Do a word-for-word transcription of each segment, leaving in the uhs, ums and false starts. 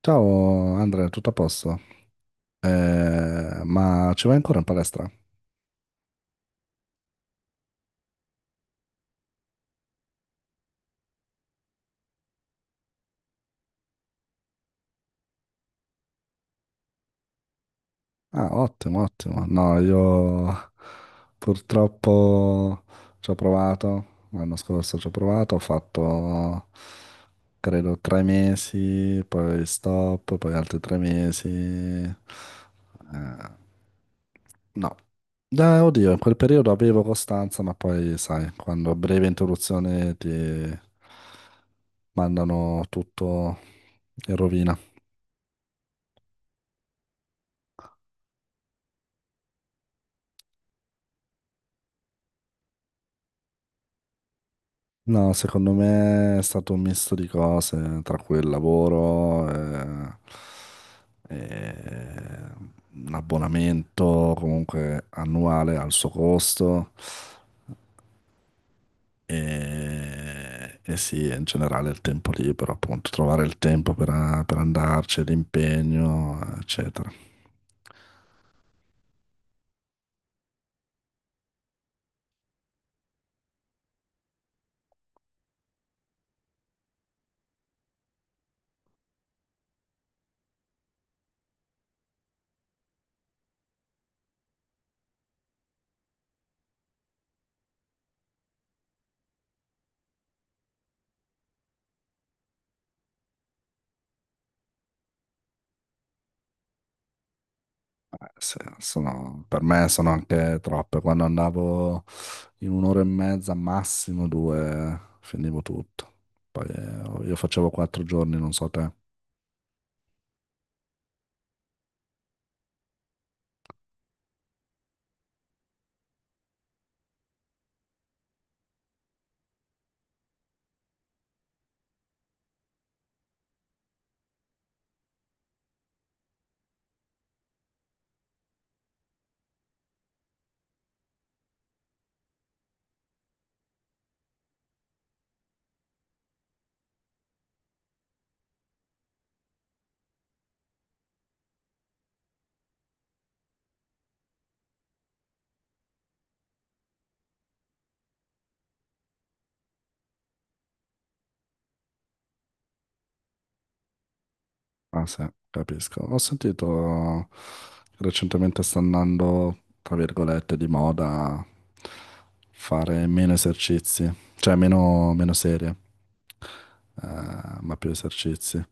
Ciao Andrea, tutto a posto? Eh, ma ci vai ancora in palestra? Ah, ottimo, ottimo. No, io purtroppo ci ho provato, l'anno scorso ci ho provato, ho fatto credo tre mesi, poi stop, poi altri tre mesi. Eh, no, Eh, oddio, in quel periodo avevo costanza, ma poi sai, quando a breve interruzione ti mandano tutto in rovina. No, secondo me è stato un misto di cose, tra cui il lavoro, eh, eh, un abbonamento comunque annuale al suo costo e, e sì, in generale il tempo libero, appunto, trovare il tempo per, per andarci, l'impegno, eccetera. Sì, sono- per me sono anche troppe. Quando andavo in un'ora e mezza, massimo due, finivo tutto. Poi eh, io facevo quattro giorni, non so te. Ah sì, capisco. Ho sentito che recentemente sta andando, tra virgolette, di moda fare meno esercizi, cioè meno, meno serie, eh, ma più esercizi.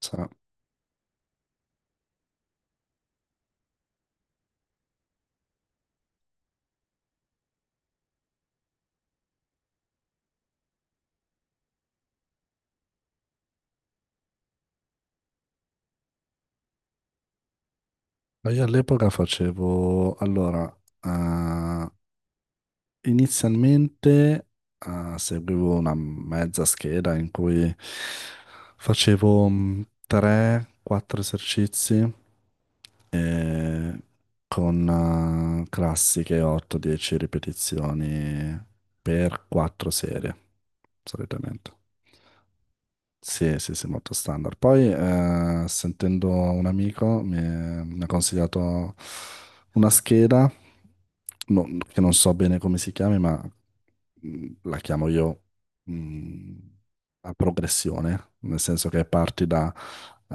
Sì. Ma Io all'epoca facevo, allora, eh, inizialmente eh, seguivo una mezza scheda in cui facevo tre quattro esercizi e con eh, classiche otto dieci ripetizioni per quattro serie, solitamente. Sì, sì, sì, molto standard. Poi, eh, sentendo un amico, mi, mi ha consigliato una scheda, no- che non so bene come si chiami, ma mm, la chiamo io, mm, a progressione, nel senso che parti da, eh,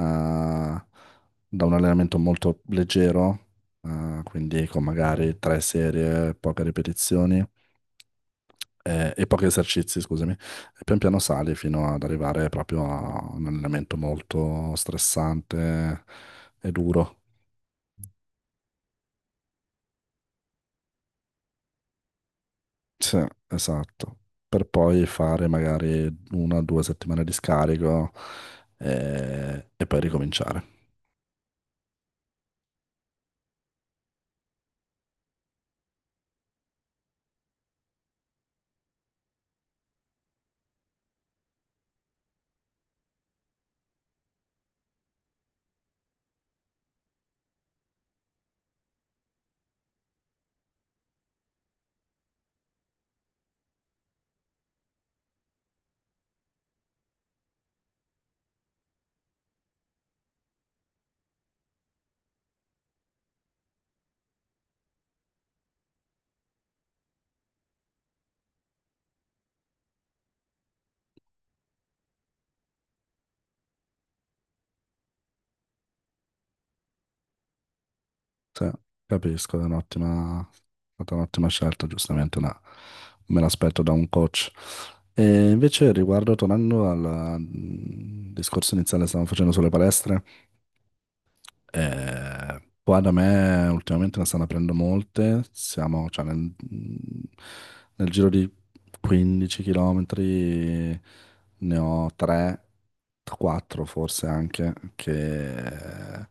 da un allenamento molto leggero, eh, quindi con magari tre serie, poche ripetizioni eh, e pochi esercizi, scusami, e pian piano sali fino ad arrivare proprio a un allenamento molto stressante e duro. Sì, esatto. Per poi fare magari una o due settimane di scarico, eh, e, poi ricominciare. Sì, capisco, è un'ottima, è stata un'ottima scelta, giustamente una- me l'aspetto da un coach. E invece riguardo, tornando al mm, discorso iniziale che stavamo facendo sulle palestre, eh, qua da me ultimamente ne stanno aprendo molte, siamo cioè, nel, mm, nel giro di quindici chilometri ne ho tre, quattro forse anche, che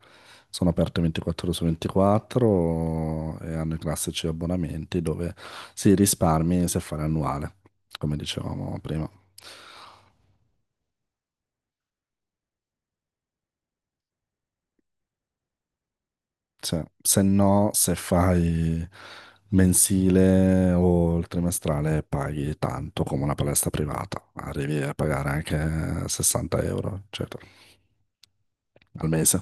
sono aperte ventiquattro ore su ventiquattro e hanno i classici abbonamenti dove si risparmi se fare annuale, come dicevamo prima. Cioè, se no, se fai mensile o il trimestrale paghi tanto come una palestra privata, arrivi a pagare anche sessanta euro, eccetera, al mese.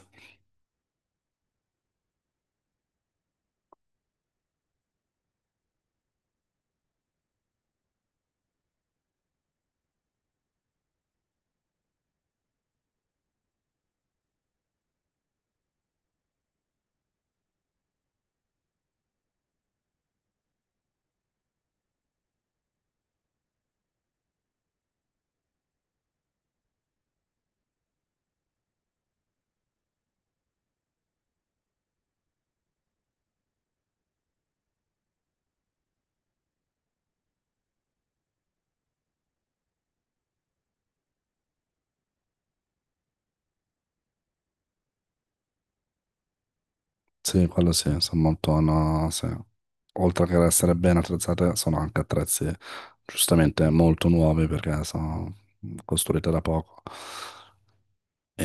Sì, quello sì, sono molto, no, sì. Oltre che ad essere ben attrezzate, sono anche attrezzi giustamente molto nuovi perché sono costruite da poco. E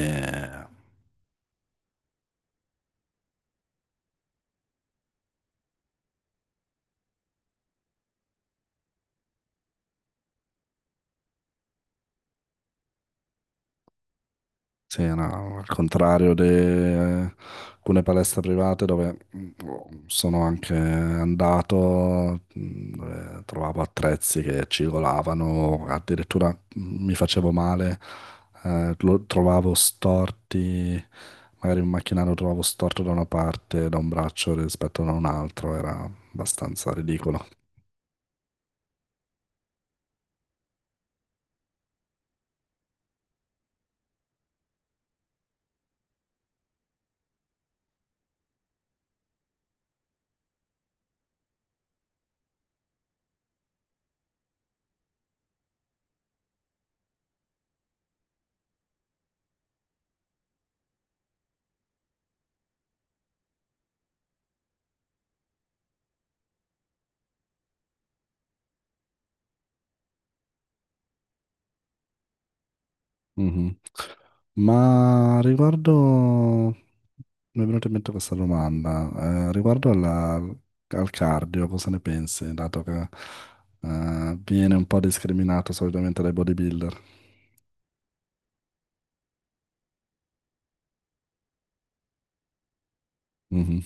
sì, no, al contrario di eh, alcune palestre private dove mm, sono anche andato, mm, dove trovavo attrezzi che cigolavano, addirittura mm, mi facevo male, eh, lo trovavo storti, magari un macchinario lo trovavo storto da una parte, da un braccio rispetto a un altro, era abbastanza ridicolo. Mhm. Ma riguardo, mi è venuta in mente questa domanda, eh, riguardo alla- al cardio, cosa ne pensi, dato che eh, viene un po' discriminato solitamente dai bodybuilder? Mhm.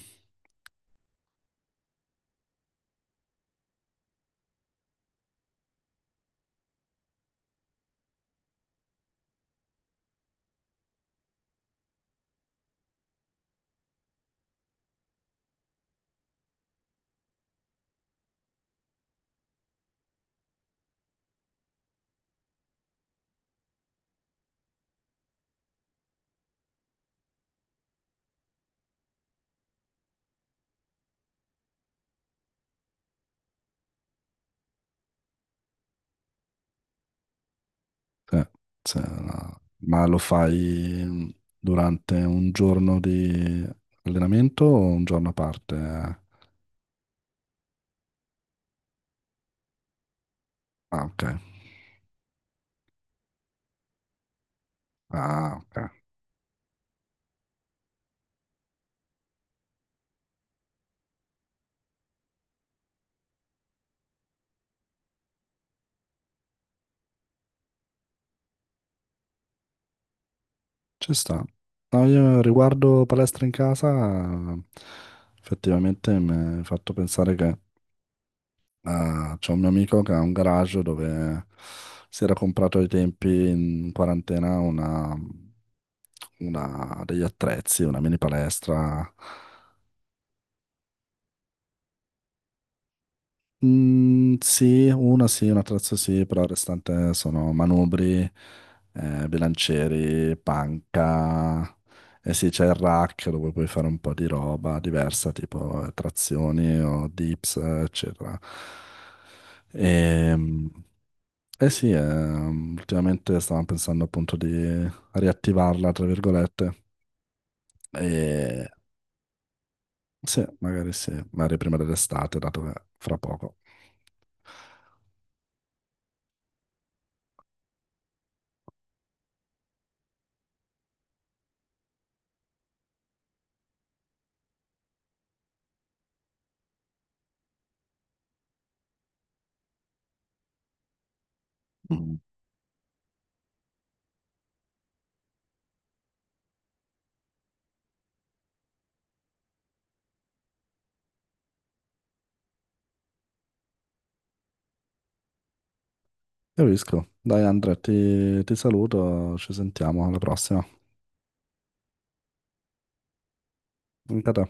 Sì, sì, no. Ma lo fai durante un giorno di allenamento o un giorno a parte? Ah, ok. Ah, ok. Ci sta. No, io riguardo palestra in casa, effettivamente mi hai fatto pensare che eh, c'è un mio amico che ha un garage dove si era comprato ai tempi in quarantena una, una- degli attrezzi, una mini palestra. Mm, sì, una sì, una terza sì, però il restante sono manubri, eh, bilancieri, panca, e sì, c'è il rack dove puoi fare un po' di roba diversa, tipo eh, trazioni o dips, eh, eccetera. E, mm, eh sì, ehm, Ultimamente stavamo pensando appunto di riattivarla, tra virgolette, e sì, magari sì, magari prima dell'estate, dato che fra poco. Capisco. Dai Andrea, ti, ti saluto, ci sentiamo alla prossima. Anche a te.